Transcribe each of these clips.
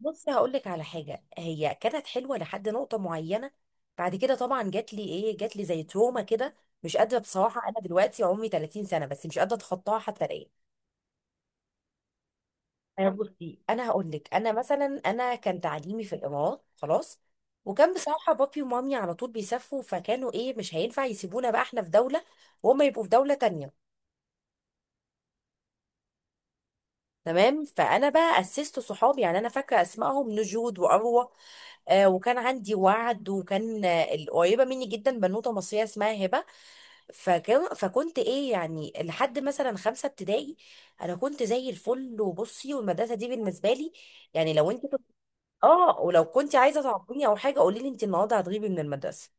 بص هقول لك على حاجه، هي كانت حلوه لحد نقطه معينه. بعد كده طبعا جات لي جات لي زي تروما كده. مش قادره بصراحه، انا دلوقتي عمري 30 سنه بس مش قادره اتخطاها حتى الان. بصي انا هقول لك، انا مثلا كان تعليمي في الامارات. خلاص، وكان بصراحه بابي ومامي على طول بيسافروا، فكانوا مش هينفع يسيبونا بقى احنا في دوله وهم يبقوا في دوله تانية. تمام، فانا بقى اسست صحابي، يعني انا فاكره اسمائهم نجود واروى. وكان عندي وعد، وكان القريبه مني جدا بنوته مصريه اسمها هبه. فكنت يعني لحد مثلا خمسه ابتدائي انا كنت زي الفل. وبصي، والمدرسه دي بالنسبه لي يعني لو انت كنت، اه، ولو كنت عايزه تعاقبيني او حاجه قولي لي انت النهارده هتغيبي من المدرسه.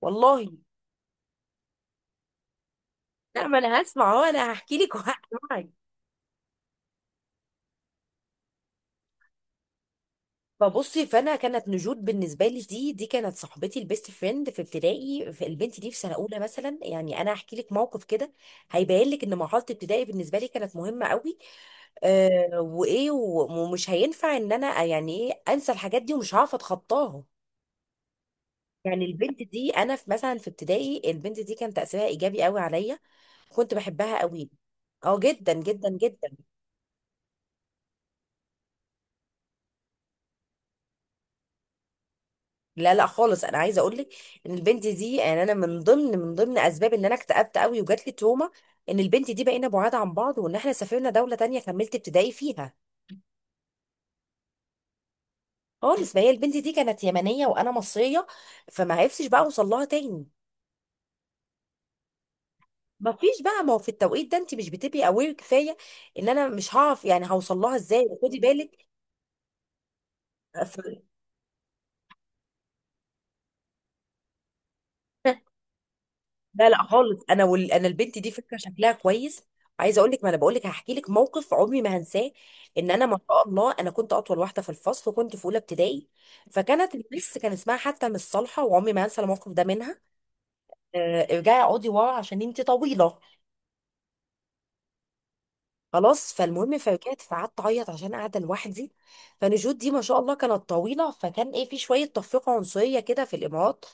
والله. لا، ما انا هسمع اهو، انا هحكي لك وهسمعك. فبصي، فانا كانت نجود بالنسبه لي، دي كانت صاحبتي البيست فريند في ابتدائي. في البنت دي في سنه اولى مثلا، يعني انا هحكي لك موقف كده هيبين لك ان مرحله ابتدائي بالنسبه لي كانت مهمه قوي. آه ومش هينفع ان انا يعني انسى الحاجات دي ومش هعرف اتخطاها. يعني البنت دي، انا في ابتدائي البنت دي كان تاثيرها ايجابي قوي عليا، كنت بحبها قوي. اه، جدا جدا جدا. لا لا خالص، انا عايزه اقول لك ان البنت دي، يعني انا من ضمن اسباب ان انا اكتئبت قوي وجات لي تروما، ان البنت دي بقينا بعاد عن بعض، وان احنا سافرنا دوله تانية كملت ابتدائي فيها. خالص، فهي البنت دي كانت يمنيه وانا مصريه، فما عرفتش بقى اوصل لها تاني. ما فيش بقى، ما هو في التوقيت ده انت مش بتبقي اوير كفايه ان انا مش هعرف يعني هوصل لها ازاي، خدي بالك. لا لا خالص، انا البنت دي فكره شكلها كويس. عايزه اقول لك، ما انا بقول لك هحكي لك موقف عمري ما هنساه، ان انا ما شاء الله انا كنت اطول واحده في الفصل وكنت في اولى ابتدائي. فكانت المس كان اسمها حتى مش صالحه، وعمري ما هنسى الموقف ده منها. آه، ارجعي اقعدي ورا عشان انت طويله. خلاص، فالمهم فرجعت فقعدت اعيط عشان قاعده لوحدي. فنجود دي ما شاء الله كانت طويله، فكان في شويه تفرقه عنصريه كده في الامارات،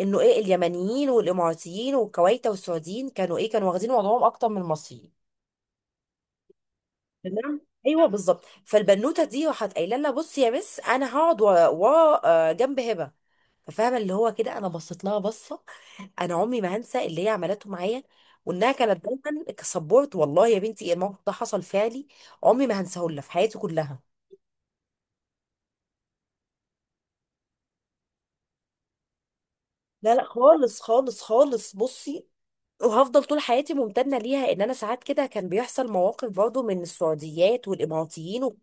انه اليمنيين والاماراتيين والكويت والسعوديين كانوا كانوا واخدين وضعهم اكتر من المصريين. تمام. ايوه بالظبط، فالبنوته دي راحت قايله لها بصي يا مس انا هقعد ورا ورا، آه، جنب هبه. فاهمه اللي هو كده، انا بصيت لها بصه، انا عمري ما هنسى اللي هي عملته معايا، وانها كانت دايما كسبورت. والله يا بنتي الموقف ده حصل فعلي، عمري ما هنساه لها في حياتي كلها. لا لا خالص خالص خالص، بصي، وهفضل طول حياتي ممتنه ليها، ان انا ساعات كده كان بيحصل مواقف برضه من السعوديات والاماراتيين و...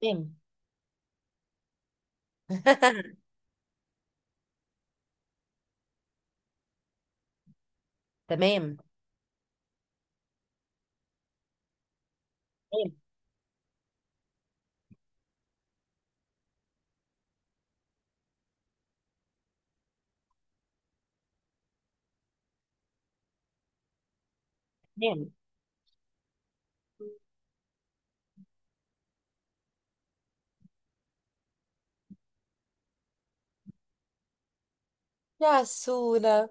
تمام. تمام تمام. يا سولا.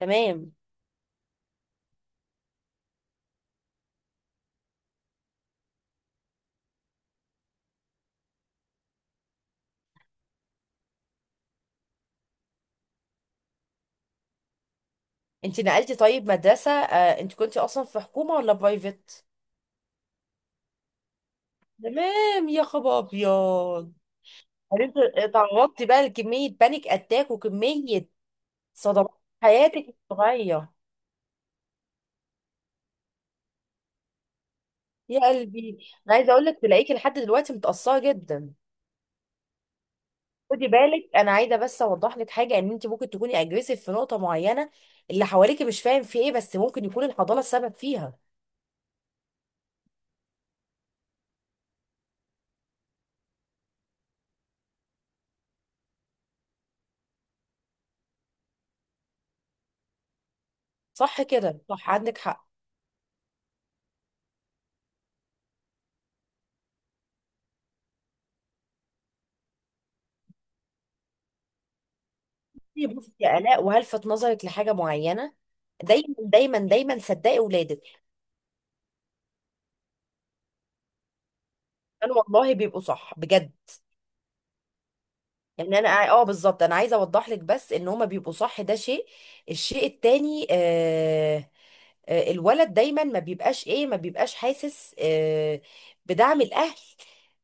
تمام. انت نقلتي طيب مدرسة، آه، انت كنتي اصلا في حكومة ولا برايفت؟ تمام يا خبر ابيض. انت اتعرضتي بقى لكمية بانيك اتاك وكمية صدمات في حياتك الصغيرة. يا قلبي. انا عايزة اقول لك تلاقيكي لحد دلوقتي متأثرة جدا. خدي بالك انا عايزة بس اوضح لك حاجة، ان انت ممكن تكوني اجريسيف في نقطة معينة، اللي حواليكي مش فاهم في ايه، بس ممكن يكون الحضانة السبب فيها. صح كده، صح عندك حق. بصي بصي يا آلاء، وهلفت نظرك لحاجة معينة. دايما دايما دايما صدقي ولادك، كانوا والله بيبقوا صح بجد. يعني انا، اه، بالظبط، انا عايزه اوضح لك بس ان هما بيبقوا صح، ده شيء. الشيء التاني آه، آه الولد دايما ما بيبقاش حاسس آه بدعم الاهل،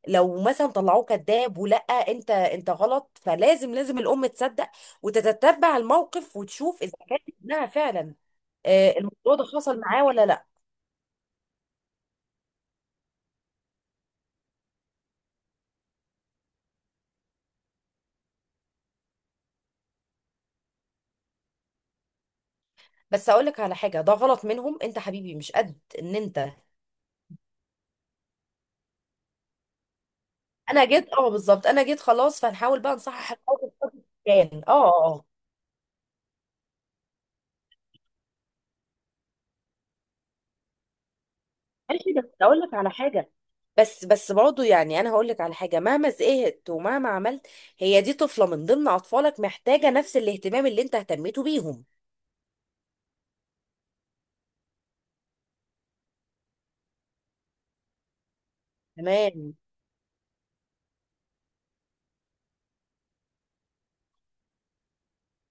لو مثلا طلعوه كذاب ولا انت انت غلط، فلازم لازم الام تصدق وتتتبع الموقف وتشوف اذا كانت ابنها فعلا آه، الموضوع ده حصل معاه ولا لا. بس اقول لك على حاجه، ده غلط منهم، انت حبيبي مش قد ان انت. انا جيت، اه بالظبط، انا جيت، خلاص، فهنحاول بقى نصحح الموقف قدر الامكان. اه اه آه. ماشي. بس اقول لك على حاجه، بس برضه يعني انا هقول لك على حاجه، مهما زهقت ومهما عملت هي دي طفله من ضمن اطفالك، محتاجه نفس الاهتمام اللي انت اهتميته بيهم. تمام.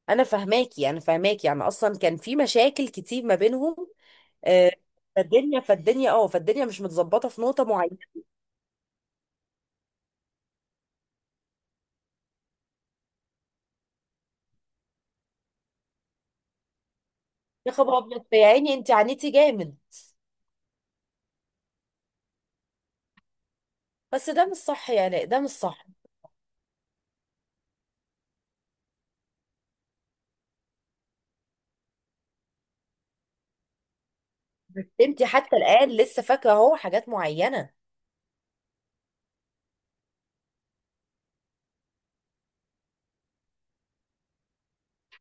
انا فهماكي انا فهماكي، يعني اصلا كان في مشاكل كتير ما بينهم. آه، فالدنيا مش متظبطه في نقطه معينه. يا خبر ابيض يا عيني انت عانيتي جامد. بس ده مش صح، يعني ده مش صح. انت حتى الآن لسه فاكرة اهو حاجات معينة.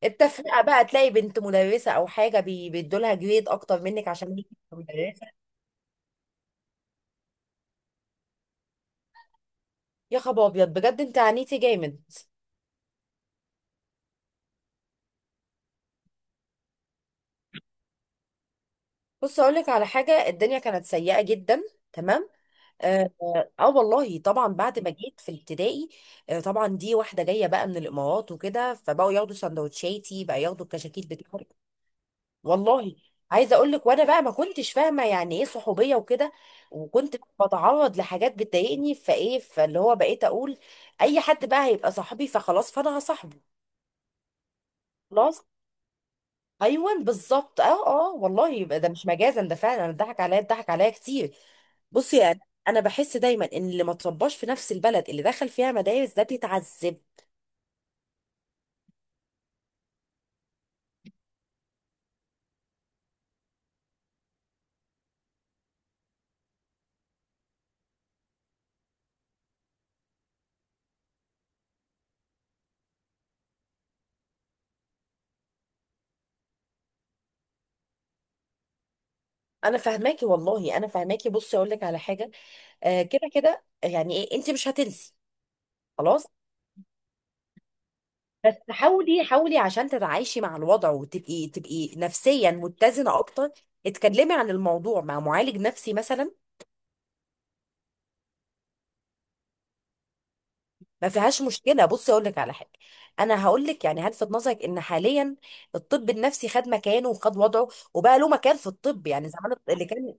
التفرقة بقى، تلاقي بنت مدرسة او حاجة بيدولها جريد اكتر منك عشان هي مدرسة. يا خبر ابيض بجد انت عانيتي جامد. بص اقول لك على حاجة، الدنيا كانت سيئة جدا. تمام. اه, آه آه والله طبعا، بعد ما جيت في ابتدائي، آه طبعا، دي واحدة جاية بقى من الامارات وكده، فبقوا ياخدوا سندوتشاتي بقى، ياخدوا الكشاكيل بتاعتي. والله. عايزه اقول لك، وانا بقى ما كنتش فاهمه يعني ايه صحوبيه وكده، وكنت بتعرض لحاجات بتضايقني، فايه، فاللي هو بقيت اقول اي حد بقى هيبقى صاحبي فخلاص فانا هصاحبه. خلاص. ايوه بالظبط، اه اه، والله، يبقى ده مش مجازا ده فعلا، انا اتضحك عليا اتضحك عليا كتير. بصي، انا بحس دايما ان اللي ما ترباش في نفس البلد اللي دخل فيها مدارس ده بيتعذب. انا فاهماكي والله انا فاهماكي، بصي اقول لك على حاجه، آه كده كده يعني ايه، انت مش هتنسي خلاص. بس حاولي حاولي عشان تتعايشي مع الوضع وتبقي نفسيا متزنه اكتر. اتكلمي عن الموضوع مع معالج نفسي مثلا، ما فيهاش مشكله. بصي اقول لك على حاجه، انا هقول لك، يعني هلفت نظرك ان حاليا الطب النفسي خد مكانه وخد وضعه وبقى له مكان في الطب. يعني زمان اللي كان،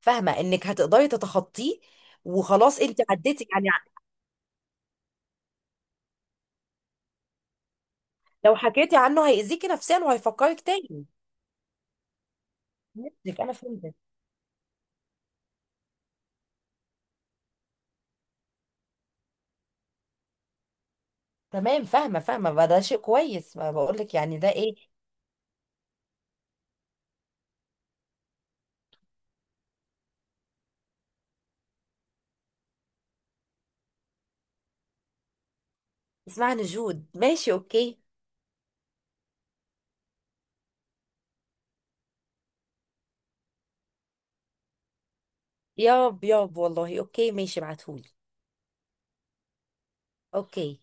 فاهمه انك هتقدري تتخطيه، وخلاص انت عديتي يعني. لو حكيتي عنه هيأذيكي نفسيا وهيفكرك تاني. فهمتك انا فهمتك. تمام فاهمه فاهمه بقى، ده شيء كويس، ما بقول لك يعني ده ايه. اسمعني جود، ماشي اوكي. ياب ياب والله اوكي ماشي، ابعتهولي. اوكي